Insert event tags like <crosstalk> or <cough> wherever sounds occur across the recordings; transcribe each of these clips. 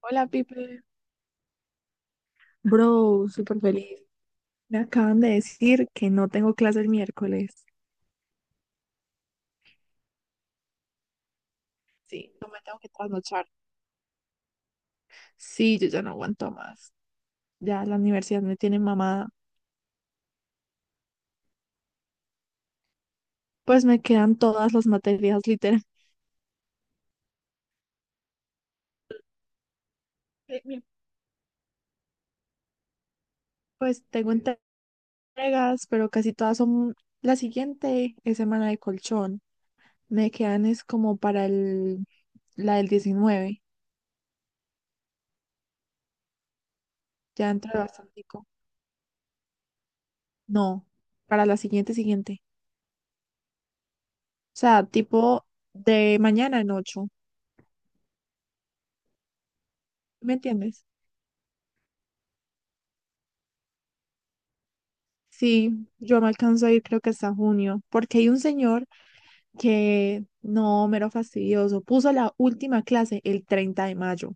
Hola, Pipe. Bro, súper feliz. Me acaban de decir que no tengo clase el miércoles. Sí, no me tengo que trasnochar. Sí, yo ya no aguanto más. Ya la universidad me tiene mamada. Pues me quedan todas las materias, literal. Eh, mi- Pues tengo entregas, pero casi todas son... La siguiente es semana de colchón. Me quedan es como para el... la del 19. Ya entré bastante. No, para la siguiente, siguiente. O sea, tipo de mañana en 8. ¿Me entiendes? Sí, yo me alcanzo a ir creo que hasta junio, porque hay un señor que, no, mero fastidioso, puso la última clase el 30 de mayo.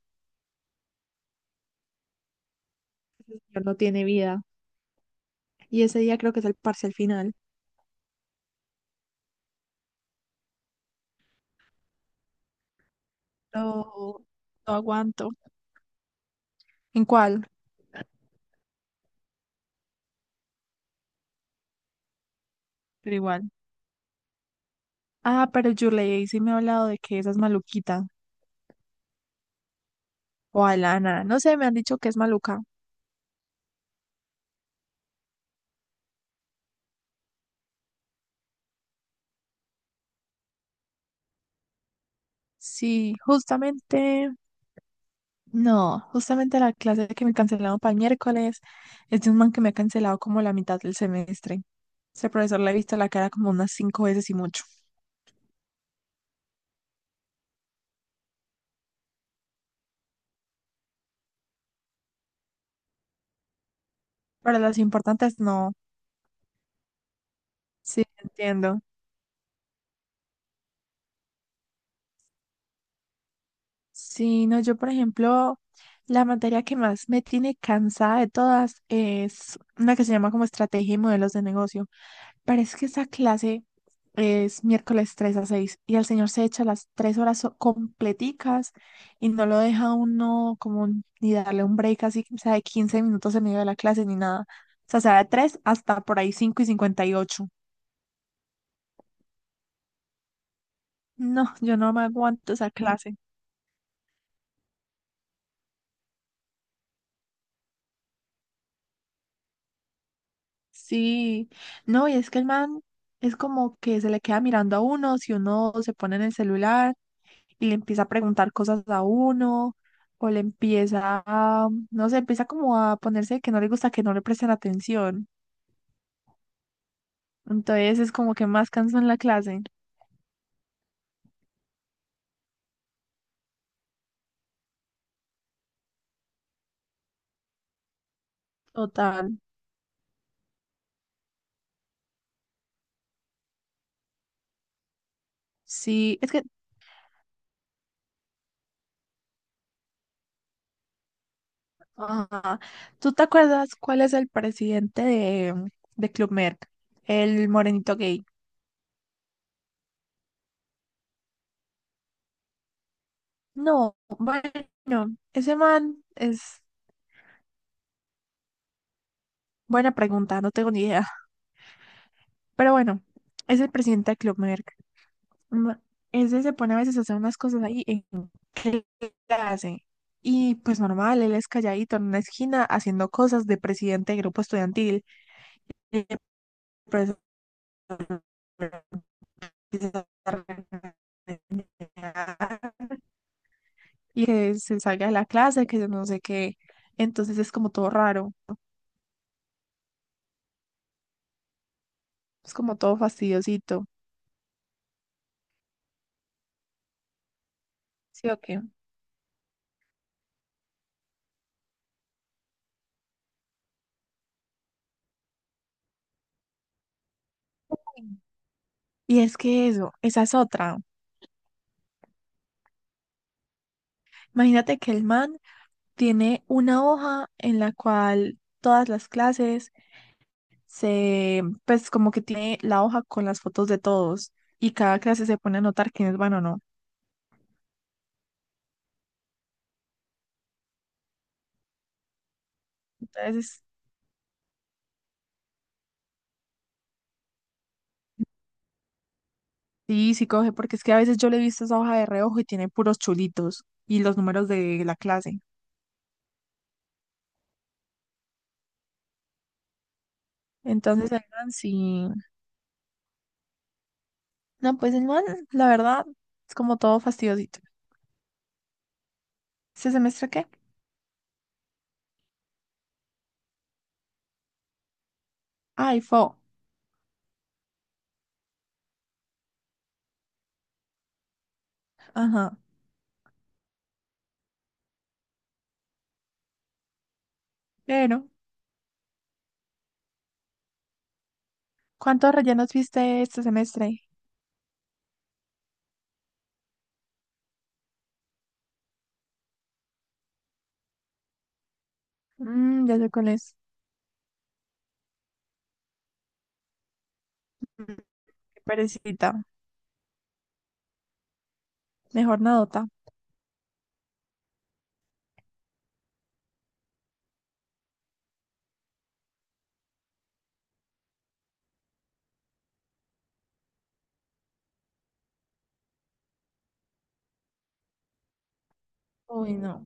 Ese señor no tiene vida. Y ese día creo que es el parcial final. No, no aguanto. ¿En cuál? Pero igual. Ah, pero Yurley sí me ha hablado de que esa es maluquita. O Alana, no sé, me han dicho que es maluca. Sí, justamente. No, justamente la clase que me cancelaron para el miércoles es de un man que me ha cancelado como la mitad del semestre. Ese profesor le he visto la cara como unas cinco veces y mucho. Pero las importantes no. Sí, entiendo. Sí, no, yo, por ejemplo, la materia que más me tiene cansada de todas es una que se llama como estrategia y modelos de negocio. Parece que esa clase es miércoles 3 a 6 y el señor se echa las 3 horas completicas y no lo deja uno como ni darle un break así, o sea, de 15 minutos en medio de la clase ni nada. O sea de 3 hasta por ahí 5:58. No, yo no me aguanto esa clase. Sí, no, y es que el man es como que se le queda mirando a uno, si uno se pone en el celular y le empieza a preguntar cosas a uno, o le empieza a, no sé, empieza como a ponerse que no le gusta que no le presten atención. Entonces es como que más cansón la clase. Total. Sí, es que, ajá. ¿Tú te acuerdas cuál es el presidente de Club Med? El morenito gay. No, bueno, ese man es buena pregunta, no tengo ni idea. Pero bueno, es el presidente de Club Med. No, ese se pone a veces a hacer unas cosas ahí en clase. Y pues normal, él es calladito en una esquina haciendo cosas de presidente de grupo estudiantil. Y el profesor empieza a regañar, y que se salga de la clase, que yo no sé qué. Entonces es como todo raro, es como todo fastidiosito. ¿Sí o qué? Y es que eso, esa es otra. Imagínate que el man tiene una hoja en la cual todas las clases se, pues como que tiene la hoja con las fotos de todos y cada clase se pone a anotar quiénes van o no. Entonces, sí, sí coge, porque es que a veces yo le he visto esa hoja de reojo y tiene puros chulitos y los números de la clase. Entonces, el man sí. No, pues el man, la verdad, es como todo fastidiosito. ¿Este semestre qué? Ay, fo. Ajá. Pero, ¿cuántos rellenos viste este semestre? Ya sé cuál es. Mm, Qué perecita. Mejor nadota. Uy, no.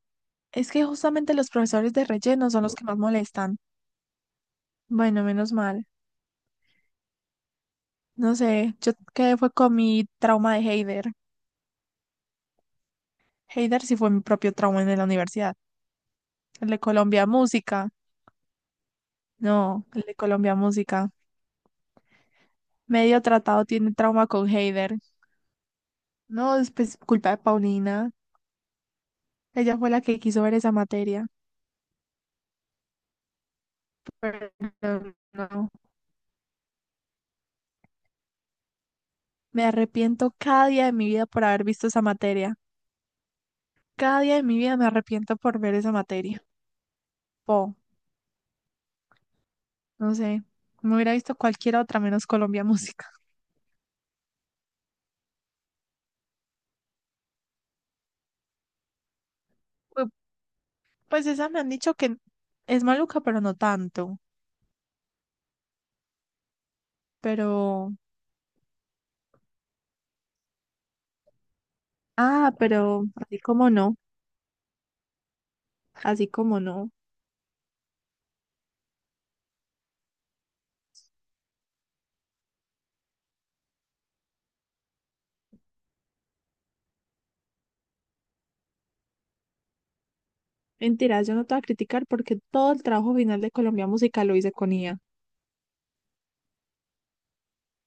Es que justamente los profesores de relleno son los que más molestan. Bueno, menos mal. No sé, yo quedé fue con mi trauma de Heider. Heider sí fue mi propio trauma en la universidad. El de Colombia Música. No, el de Colombia Música. Medio tratado tiene trauma con Heider. No, es pues, culpa de Paulina. Ella fue la que quiso ver esa materia. Pero no, me arrepiento cada día de mi vida por haber visto esa materia. Cada día de mi vida me arrepiento por ver esa materia. Po. No sé, me hubiera visto cualquier otra menos Colombia <laughs> Música. Pu- Pues esa me han dicho que es maluca, pero no tanto. Pero, ah, pero así como no, así como no. Mentira, yo no te voy a criticar porque todo el trabajo final de Colombia Música lo hice con IA.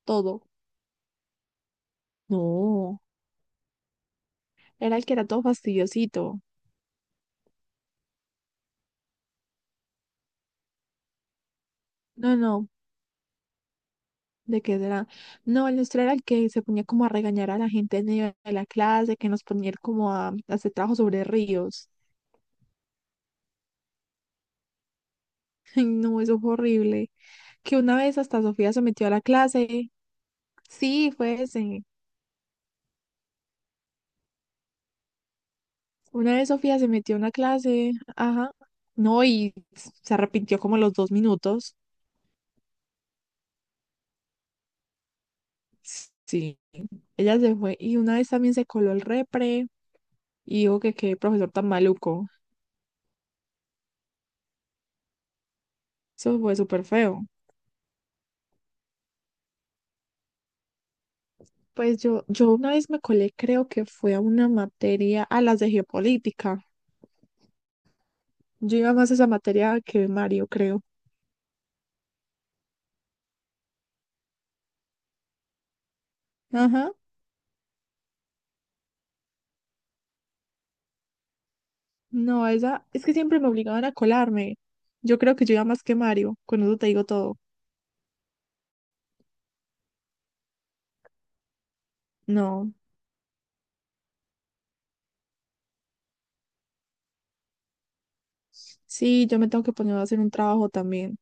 Todo. No, era el que era todo fastidiosito. No, no, ¿de qué será? No, el nuestro era el que se ponía como a regañar a la gente en medio de la clase, que nos ponía como a hacer trabajo sobre ríos. <laughs> Ay, no, eso fue horrible. Que una vez hasta Sofía se metió a la clase. Sí, fue ese. Una vez Sofía se metió a una clase, ajá. No, y se arrepintió como a los 2 minutos. Sí, ella se fue. Y una vez también se coló el repre y dijo que qué profesor tan maluco. Eso fue súper feo. Pues yo una vez me colé, creo que fue a una materia, a las de geopolítica. Yo iba más a esa materia que Mario, creo. Ajá. No, esa, es que siempre me obligaban a colarme. Yo creo que yo iba más que Mario, con eso te digo todo. No, sí, yo me tengo que poner a hacer un trabajo también.